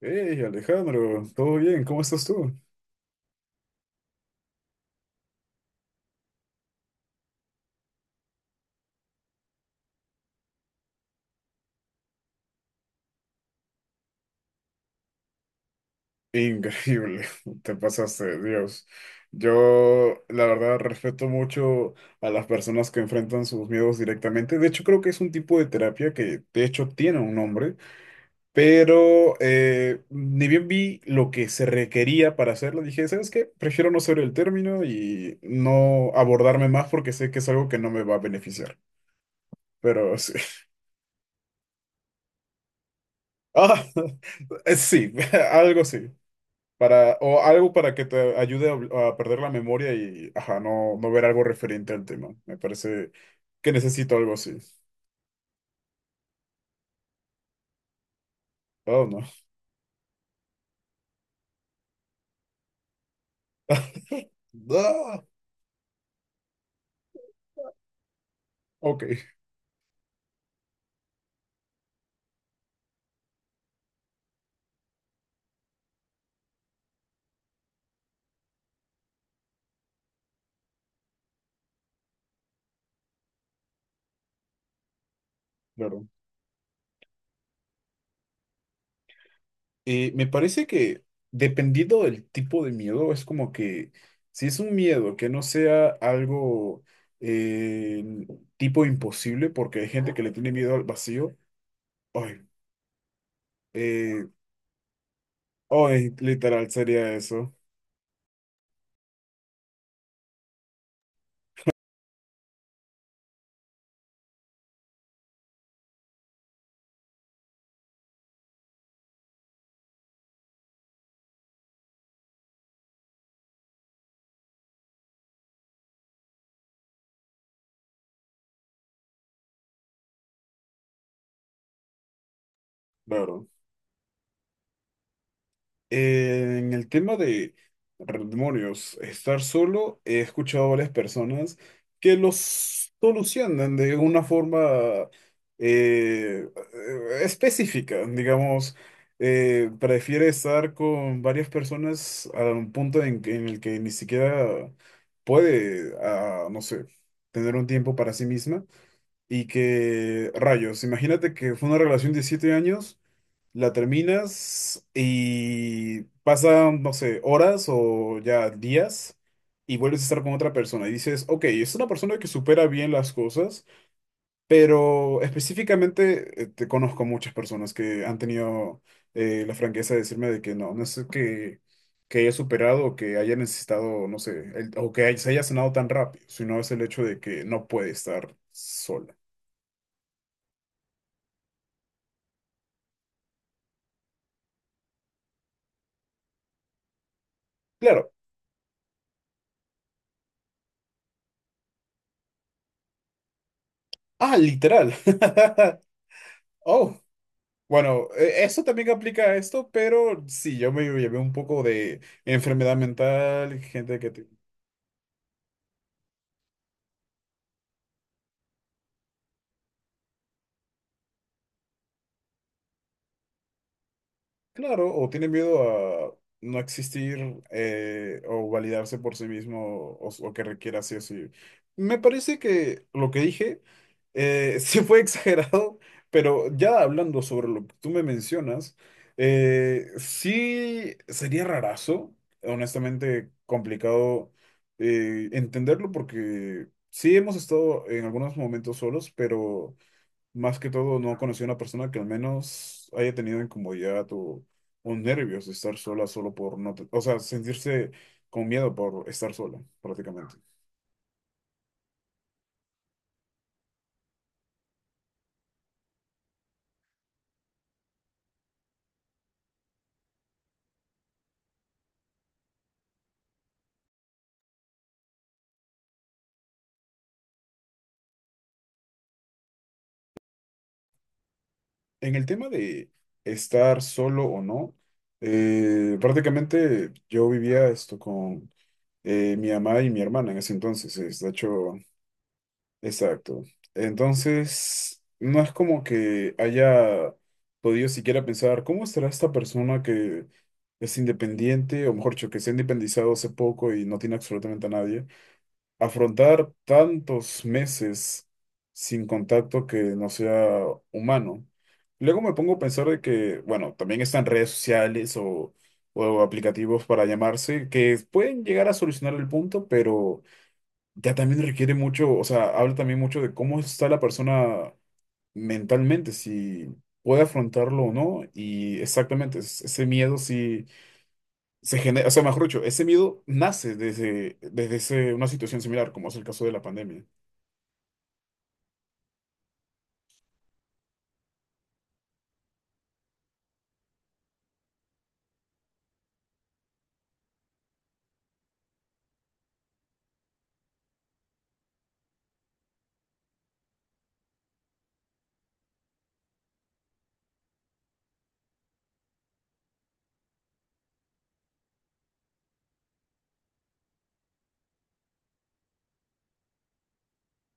Hey Alejandro, ¿todo bien? ¿Cómo estás tú? Increíble, te pasaste, Dios. Yo, la verdad, respeto mucho a las personas que enfrentan sus miedos directamente. De hecho, creo que es un tipo de terapia que, de hecho, tiene un nombre, pero ni bien vi lo que se requería para hacerlo. Dije, ¿sabes qué? Prefiero no saber el término y no abordarme más porque sé que es algo que no me va a beneficiar. Pero sí. Ah, sí, algo sí. Para, o algo para que te ayude a perder la memoria y ajá, no, no ver algo referente al tema. Me parece que necesito algo así. Oh, no. Ah, ok, claro. Me parece que dependiendo del tipo de miedo, es como que si es un miedo que no sea algo eh, tipo imposible, porque hay gente que le tiene miedo al vacío, hoy, eh, ay, literal sería eso. Claro. En el tema de demonios, estar solo, he escuchado a varias personas que los solucionan de una forma eh, específica, digamos, prefiere estar con varias personas a un punto en, en el que ni siquiera puede, ah, no sé, tener un tiempo para sí misma y que, rayos, imagínate que fue una relación de 7 años. La terminas y pasan, no sé, horas o ya días y vuelves a estar con otra persona y dices, ok, es una persona que supera bien las cosas, pero específicamente te conozco muchas personas que han tenido la franqueza de decirme de que no, no es que haya superado o que haya necesitado, no sé, o que se haya sanado tan rápido, sino es el hecho de que no puede estar sola. Claro. Ah, literal. oh. Bueno, eso también aplica a esto, pero sí, yo me llevé un poco de enfermedad mental, gente que, claro, o tiene miedo a no existir o validarse por sí mismo o que requiera sí o sí. Me parece que lo que dije sí fue exagerado, pero ya hablando sobre lo que tú me mencionas, sí sería rarazo, honestamente complicado entenderlo porque sí hemos estado en algunos momentos solos, pero... Más que todo, no conocí a una persona que al menos haya tenido incomodidad o nervios de estar sola solo por no, o sea, sentirse con miedo por estar sola, prácticamente. En el tema de estar solo o no, prácticamente yo vivía esto con mi mamá y mi hermana en ese entonces. De hecho, exacto. Entonces, no es como que haya podido siquiera pensar, ¿cómo será esta persona que es independiente, o mejor dicho, que se ha independizado hace poco y no tiene absolutamente a nadie? Afrontar tantos meses sin contacto que no sea humano. Luego me pongo a pensar de que, bueno, también están redes sociales o aplicativos para llamarse que pueden llegar a solucionar el punto, pero ya también requiere mucho, o sea, habla también mucho de cómo está la persona mentalmente, si puede afrontarlo o no, y exactamente, ese miedo si se genera, o sea, mejor dicho, ese miedo nace desde una situación similar, como es el caso de la pandemia.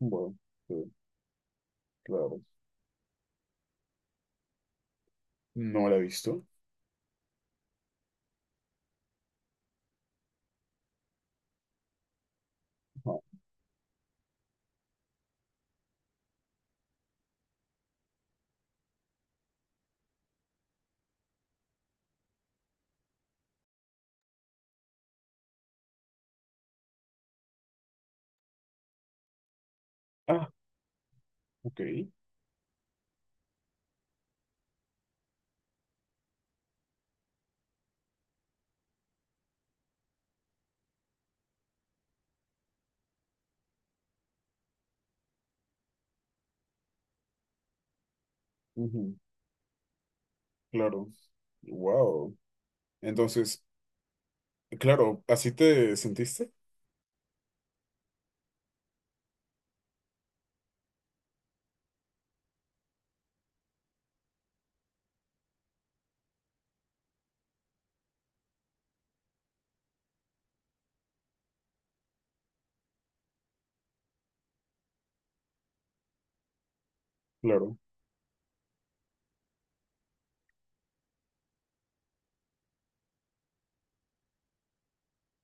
Bueno, sí, claro. No la he visto. No. Ah, ok. Ujú, claro. Wow. Entonces, claro, ¿así te sentiste? Claro.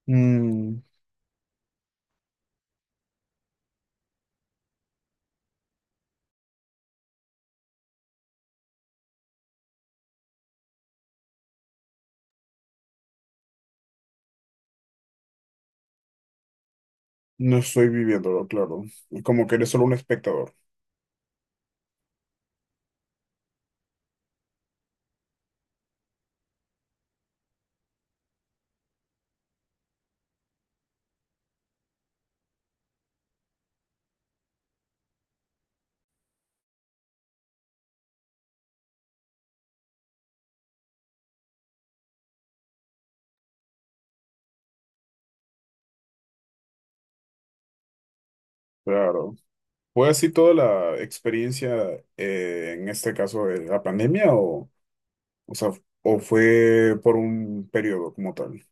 Mm. No estoy viviéndolo, claro. Como que eres solo un espectador, claro. ¿Fue así toda la experiencia en este caso de la pandemia o sea, o fue por un periodo como tal?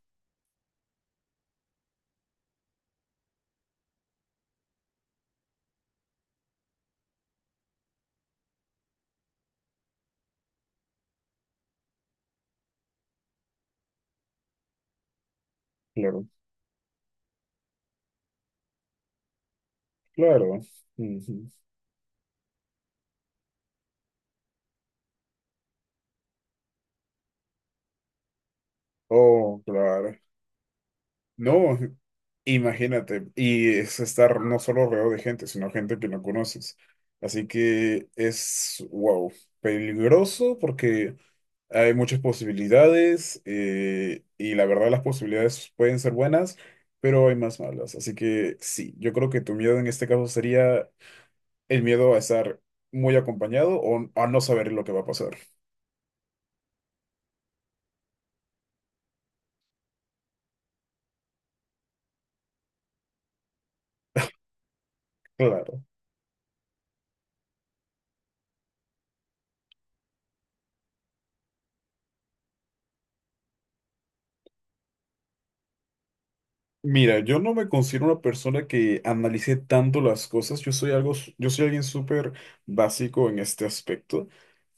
Claro, claro. Ujú. Oh, claro. No, imagínate. Y es estar no solo rodeado de gente, sino gente que no conoces. Así que es, wow, peligroso porque... Hay muchas posibilidades y la verdad las posibilidades pueden ser buenas, pero hay más malas. Así que sí, yo creo que tu miedo en este caso sería el miedo a estar muy acompañado o a no saber lo que va a pasar. Claro. Mira, yo no me considero una persona que analice tanto las cosas. Yo soy algo, yo soy alguien súper básico en este aspecto.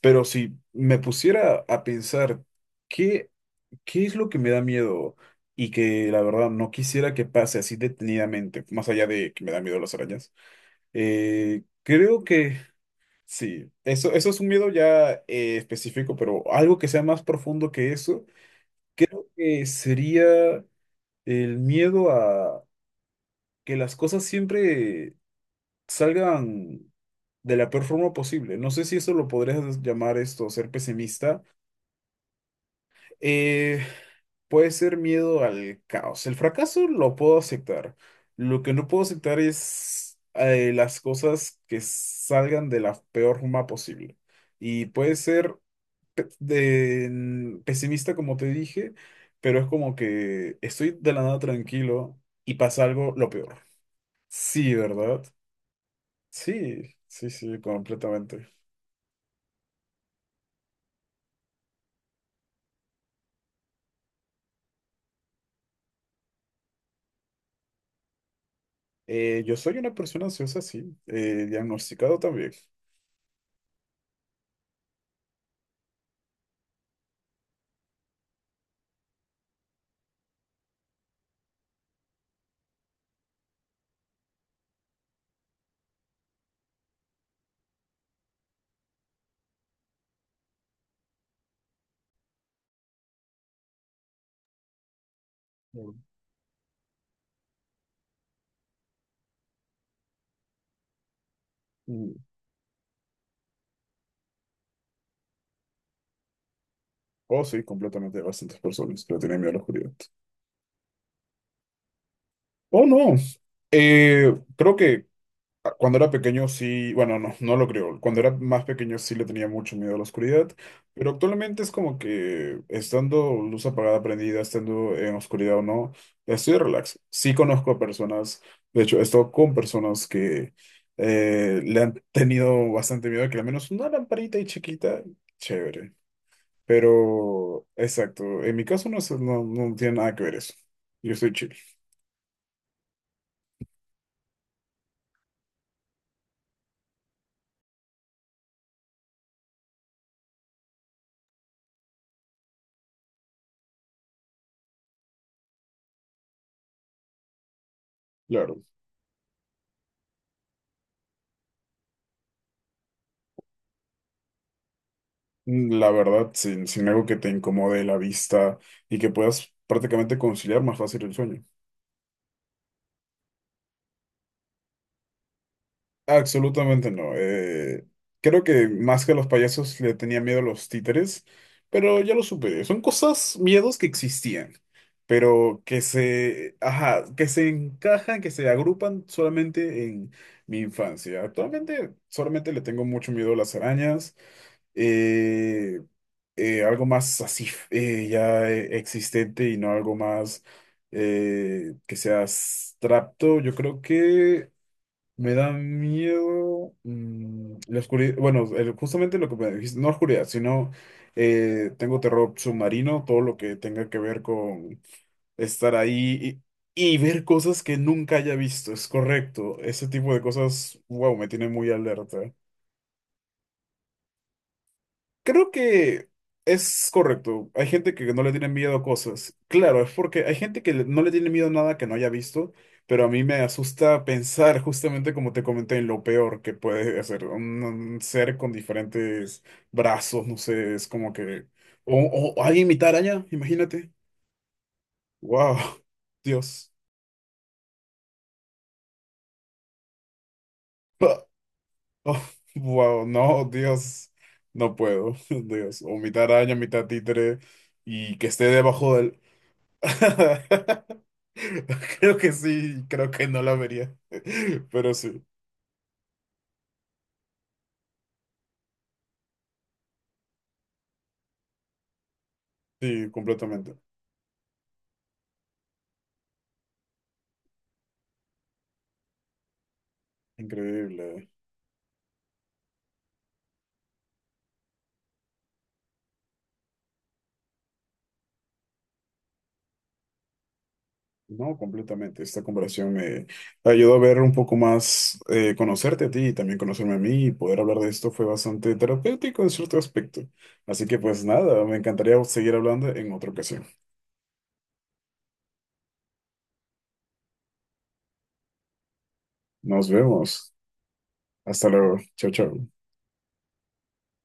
Pero si me pusiera a pensar qué. ¿Qué es lo que me da miedo y que la verdad no quisiera que pase así detenidamente, más allá de que me da miedo las arañas? Creo que sí, eso es un miedo ya específico, pero algo que sea más profundo que eso, creo que sería el miedo a que las cosas siempre salgan de la peor forma posible. No sé si eso lo podrías llamar esto, ser pesimista. Eh, puede ser miedo al caos. El fracaso lo puedo aceptar. Lo que no puedo aceptar es las cosas que salgan de la peor forma posible. Y puede ser pesimista, como te dije, pero es como que estoy de la nada tranquilo y pasa algo lo peor. Sí, ¿verdad? Sí, sí, sí, completamente. Yo soy una persona ansiosa, sí, diagnosticado también. Mm. Oh, sí, completamente. Hay bastantes personas que le tienen miedo a la oscuridad. Oh, no. Creo que cuando era pequeño sí, bueno, no, no lo creo. Cuando era más pequeño sí le tenía mucho miedo a la oscuridad, pero actualmente es como que estando luz apagada, prendida, estando en oscuridad o no, estoy relax. Sí conozco a personas, de hecho, he estado con personas que le han tenido bastante miedo, que al menos una lamparita y chiquita, chévere. Pero, exacto, en mi caso no, sé, no, no tiene nada que ver eso. Yo soy chill, claro. La verdad, sin, sin algo que te incomode la vista y que puedas prácticamente conciliar más fácil el sueño. Absolutamente no. Creo que más que a los payasos le tenía miedo a los títeres, pero ya lo superé. Son cosas, miedos que existían, pero que se, ajá, que se encajan, que se agrupan solamente en mi infancia. Actualmente solamente le tengo mucho miedo a las arañas. eh, algo más así existente y no algo más que sea abstracto. Yo creo que me da miedo mm, la oscuridad. Bueno, justamente lo que me dijiste, no oscuridad, sino tengo terror submarino, todo lo que tenga que ver con estar ahí y ver cosas que nunca haya visto, es correcto. Ese tipo de cosas, wow, me tiene muy alerta. Creo que es correcto. Hay gente que no le tiene miedo a cosas. Claro, es porque hay gente que no le tiene miedo a nada que no haya visto, pero a mí me asusta pensar justamente como te comenté en lo peor que puede hacer un ser con diferentes brazos, no sé, es como que... O, o alguien mitad araña, imagínate. Wow, Dios. Pa- oh, wow, no, Dios. No puedo, Dios. O mitad araña, mitad títere y que esté debajo del... Creo que sí, creo que no la vería. Pero sí, sí, completamente. Increíble. No, completamente. Esta conversación me ayudó a ver un poco más, conocerte a ti y también conocerme a mí y poder hablar de esto fue bastante terapéutico en cierto aspecto. Así que pues nada, me encantaría seguir hablando en otra ocasión. Nos vemos. Hasta luego. Chao, chao.